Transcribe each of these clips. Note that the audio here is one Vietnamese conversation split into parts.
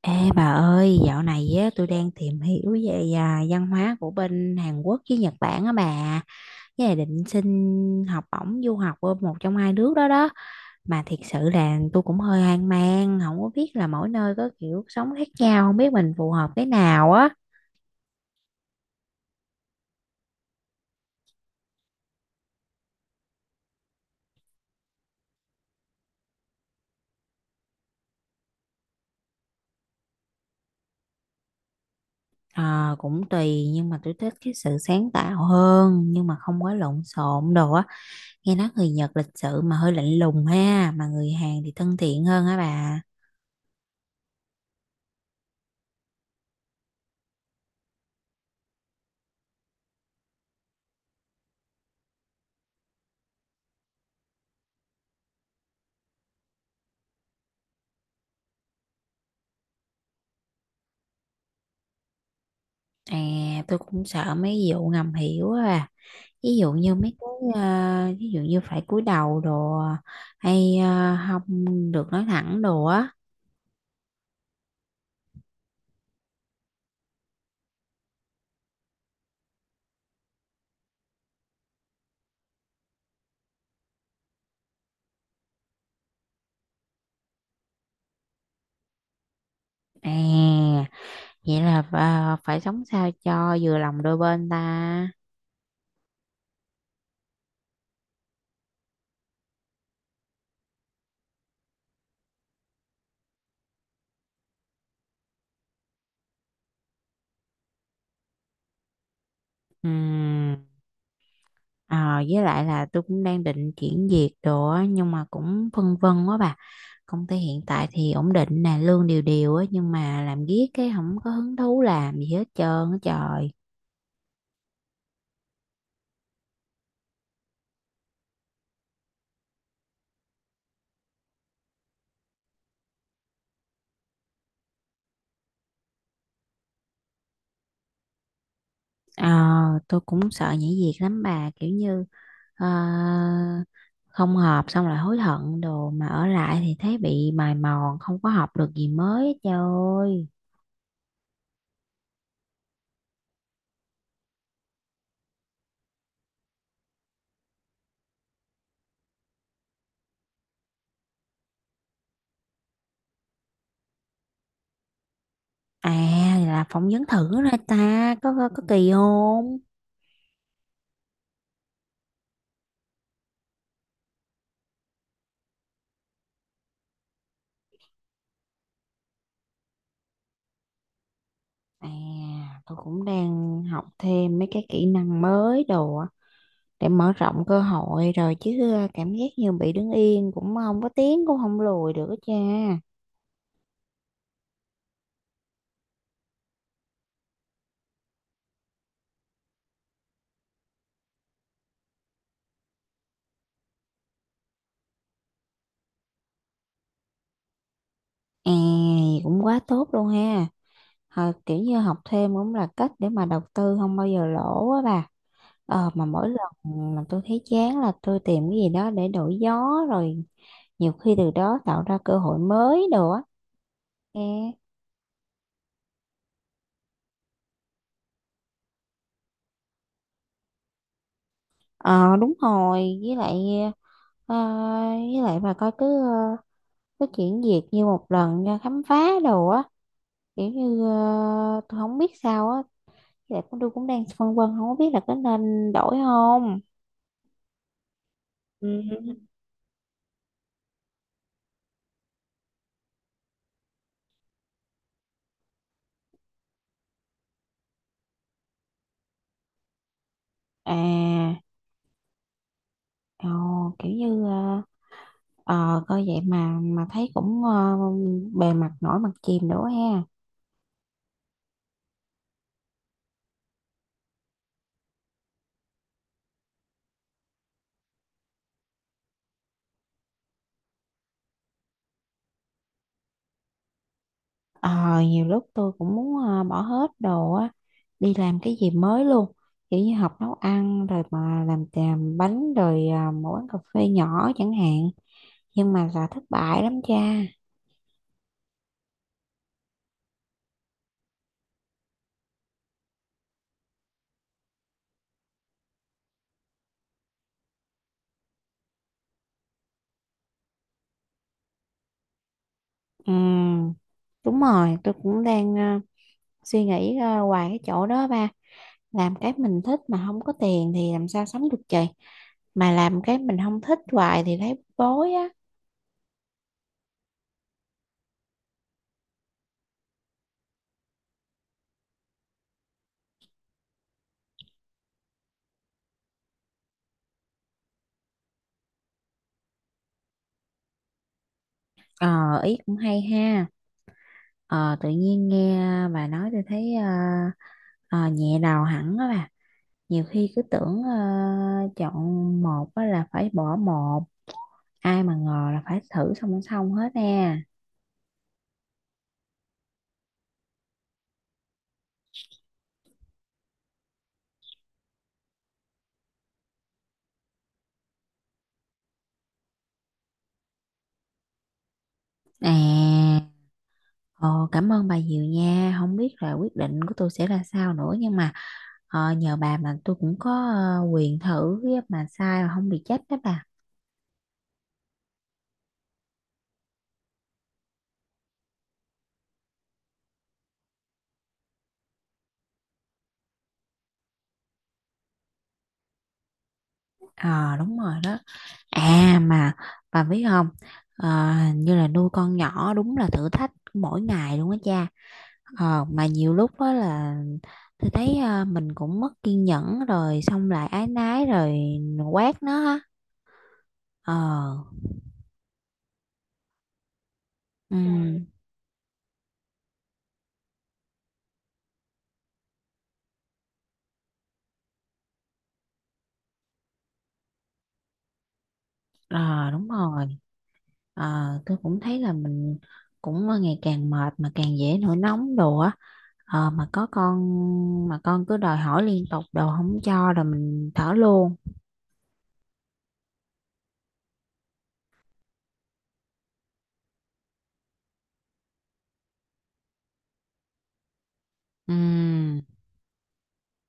Ê bà ơi, dạo này á, tôi đang tìm hiểu về văn hóa của bên Hàn Quốc với Nhật Bản á bà. Với lại định xin học bổng du học ở một trong hai nước đó đó. Mà thiệt sự là tôi cũng hơi hoang mang, không có biết là mỗi nơi có kiểu sống khác nhau, không biết mình phù hợp cái nào á. Ờ, cũng tùy nhưng mà tôi thích cái sự sáng tạo hơn nhưng mà không có lộn xộn đồ á. Nghe nói người Nhật lịch sự mà hơi lạnh lùng ha, mà người Hàn thì thân thiện hơn hả bà? À, tôi cũng sợ mấy vụ ngầm hiểu à. Ví dụ như mấy cái ví dụ như phải cúi đầu đồ, hay không được nói thẳng đồ á. À, vậy là phải sống sao cho vừa lòng đôi bên ta. Ừm. Ờ, với lại là tôi cũng đang định chuyển việc đồ á, nhưng mà cũng phân vân quá bà. Công ty hiện tại thì ổn định nè, lương đều đều á, nhưng mà làm riết cái không có hứng thú làm gì hết trơn á trời. Ờ, tôi cũng sợ nhảy việc lắm bà, kiểu như ờ, không hợp xong lại hối hận đồ, mà ở lại thì thấy bị mài mòn không có học được gì mới hết trời ơi. À, là phỏng vấn thử ra ta có kỳ không? À, tôi cũng đang học thêm mấy cái kỹ năng mới đồ á, để mở rộng cơ hội rồi chứ ờ, cảm giác như bị đứng yên cũng không có tiến cũng không lùi được á cha. À, cũng quá tốt luôn ha. Ờ, kiểu như học thêm cũng là cách để mà đầu tư không bao giờ lỗ á bà. Ờ, mà mỗi lần mà tôi thấy chán là tôi tìm cái gì đó để đổi gió, rồi nhiều khi từ đó tạo ra cơ hội mới đồ á nghe. Ờ đúng rồi, với lại ờ, với lại bà coi, cứ cứ chuyển việc như một lần ra khám phá đồ á, kiểu như ờ, tôi không biết sao á. Với lại cũng tôi cũng đang phân vân không có biết là có nên đổi không. Ừ. À. Ồ, kiểu như coi vậy mà thấy cũng ờ, bề mặt nổi mặt chìm nữa ha. Ờ, nhiều lúc tôi cũng muốn bỏ hết đồ á, đi làm cái gì mới luôn, kiểu như học nấu ăn rồi mà làm bánh rồi ờ, một quán cà phê nhỏ chẳng hạn, nhưng mà là thất bại lắm cha. Ừm, đúng rồi, tôi cũng đang ờ, suy nghĩ ờ, hoài cái chỗ đó ba. Làm cái mình thích mà không có tiền thì làm sao sống được trời, mà làm cái mình không thích hoài thì thấy bối á. Ờ, ý cũng hay ha. Ờ, tự nhiên nghe bà nói tôi thấy ờ, nhẹ đầu hẳn á bà. Nhiều khi cứ tưởng ờ, chọn một á là phải bỏ một. Ai mà ngờ là phải thử song song hết nè. À, ờ, cảm ơn bà nhiều nha. Không biết là quyết định của tôi sẽ là sao nữa nhưng mà ờ, nhờ bà mà tôi cũng có quyền thử á, mà sai mà không bị chết đó bà. Ờ đúng rồi đó. À mà bà biết không? Ờ, hình như là nuôi con nhỏ đúng là thử thách mỗi ngày luôn á cha. Ờ mà nhiều lúc đó là tôi thấy mình cũng mất kiên nhẫn rồi xong lại ái nái rồi quát nó ha. Ờ, ừ, ờ đúng rồi. Ờ tôi cũng thấy là mình cũng ngày càng mệt mà càng dễ nổi nóng đồ á, ờ mà có con mà con cứ đòi hỏi liên tục đồ không cho rồi mình thở luôn. Ừm,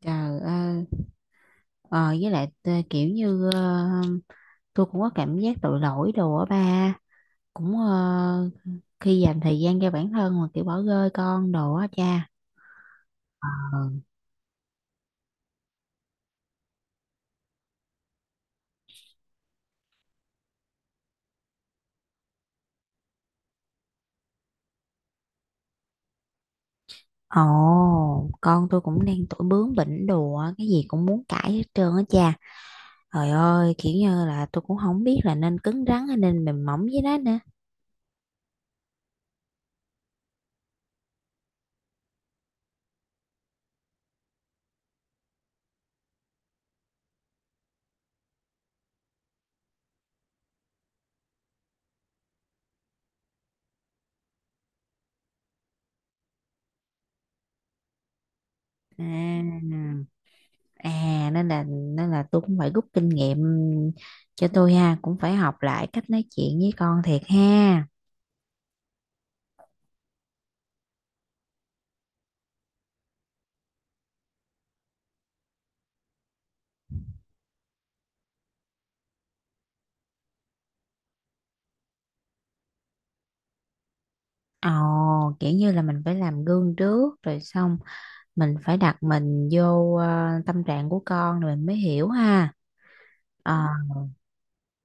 trời ơi, ờ, với lại kiểu như ờ, tôi cũng có cảm giác tội lỗi đồ á ba, cũng ờ, khi dành thời gian cho bản thân mà kiểu bỏ rơi con đồ á cha. Ờ. Ồ, con tôi cũng đang tuổi bướng bỉnh đồ á, cái gì cũng muốn cãi hết trơn á cha. Trời ơi, kiểu như là tôi cũng không biết là nên cứng rắn hay nên mềm mỏng với nó nữa. À. À nên là tôi cũng phải rút kinh nghiệm cho tôi ha, cũng phải học lại cách nói chuyện với con thiệt ha. Ồ, kiểu như là mình phải làm gương trước rồi xong mình phải đặt mình vô ờ, tâm trạng của con rồi mình mới hiểu ha. Ờ,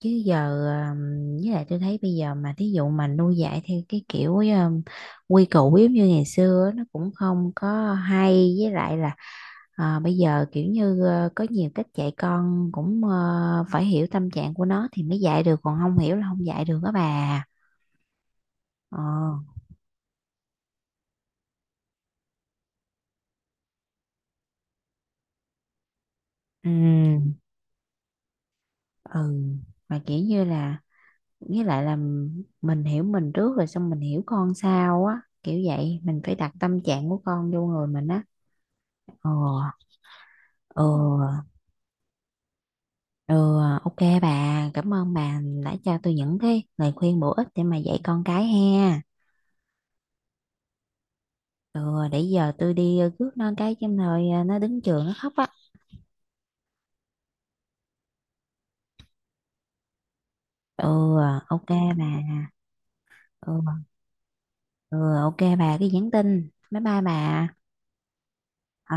chứ giờ với lại tôi thấy bây giờ mà thí dụ mà nuôi dạy theo cái kiểu quy củ giống như ngày xưa á, nó cũng không có hay, với lại là ờ, bây giờ kiểu như ờ, có nhiều cách dạy con, cũng ờ, phải hiểu tâm trạng của nó thì mới dạy được, còn không hiểu là không dạy được đó bà. Ờ, ừ. Ừ, mà kiểu như là với lại là mình hiểu mình trước rồi xong mình hiểu con sau á, kiểu vậy mình phải đặt tâm trạng của con vô người mình á. Ờ, ờ, ừ, ok bà, cảm ơn bà đã cho tôi những cái lời khuyên bổ ích để mà dạy con cái ha. Ừ, để giờ tôi đi rước nó cái chứ rồi ờ, nó đứng trường nó khóc á. Ừ, ok bà. Ừ, ừ, ok bà cái nhắn tin. Bye bye bà. Ờ.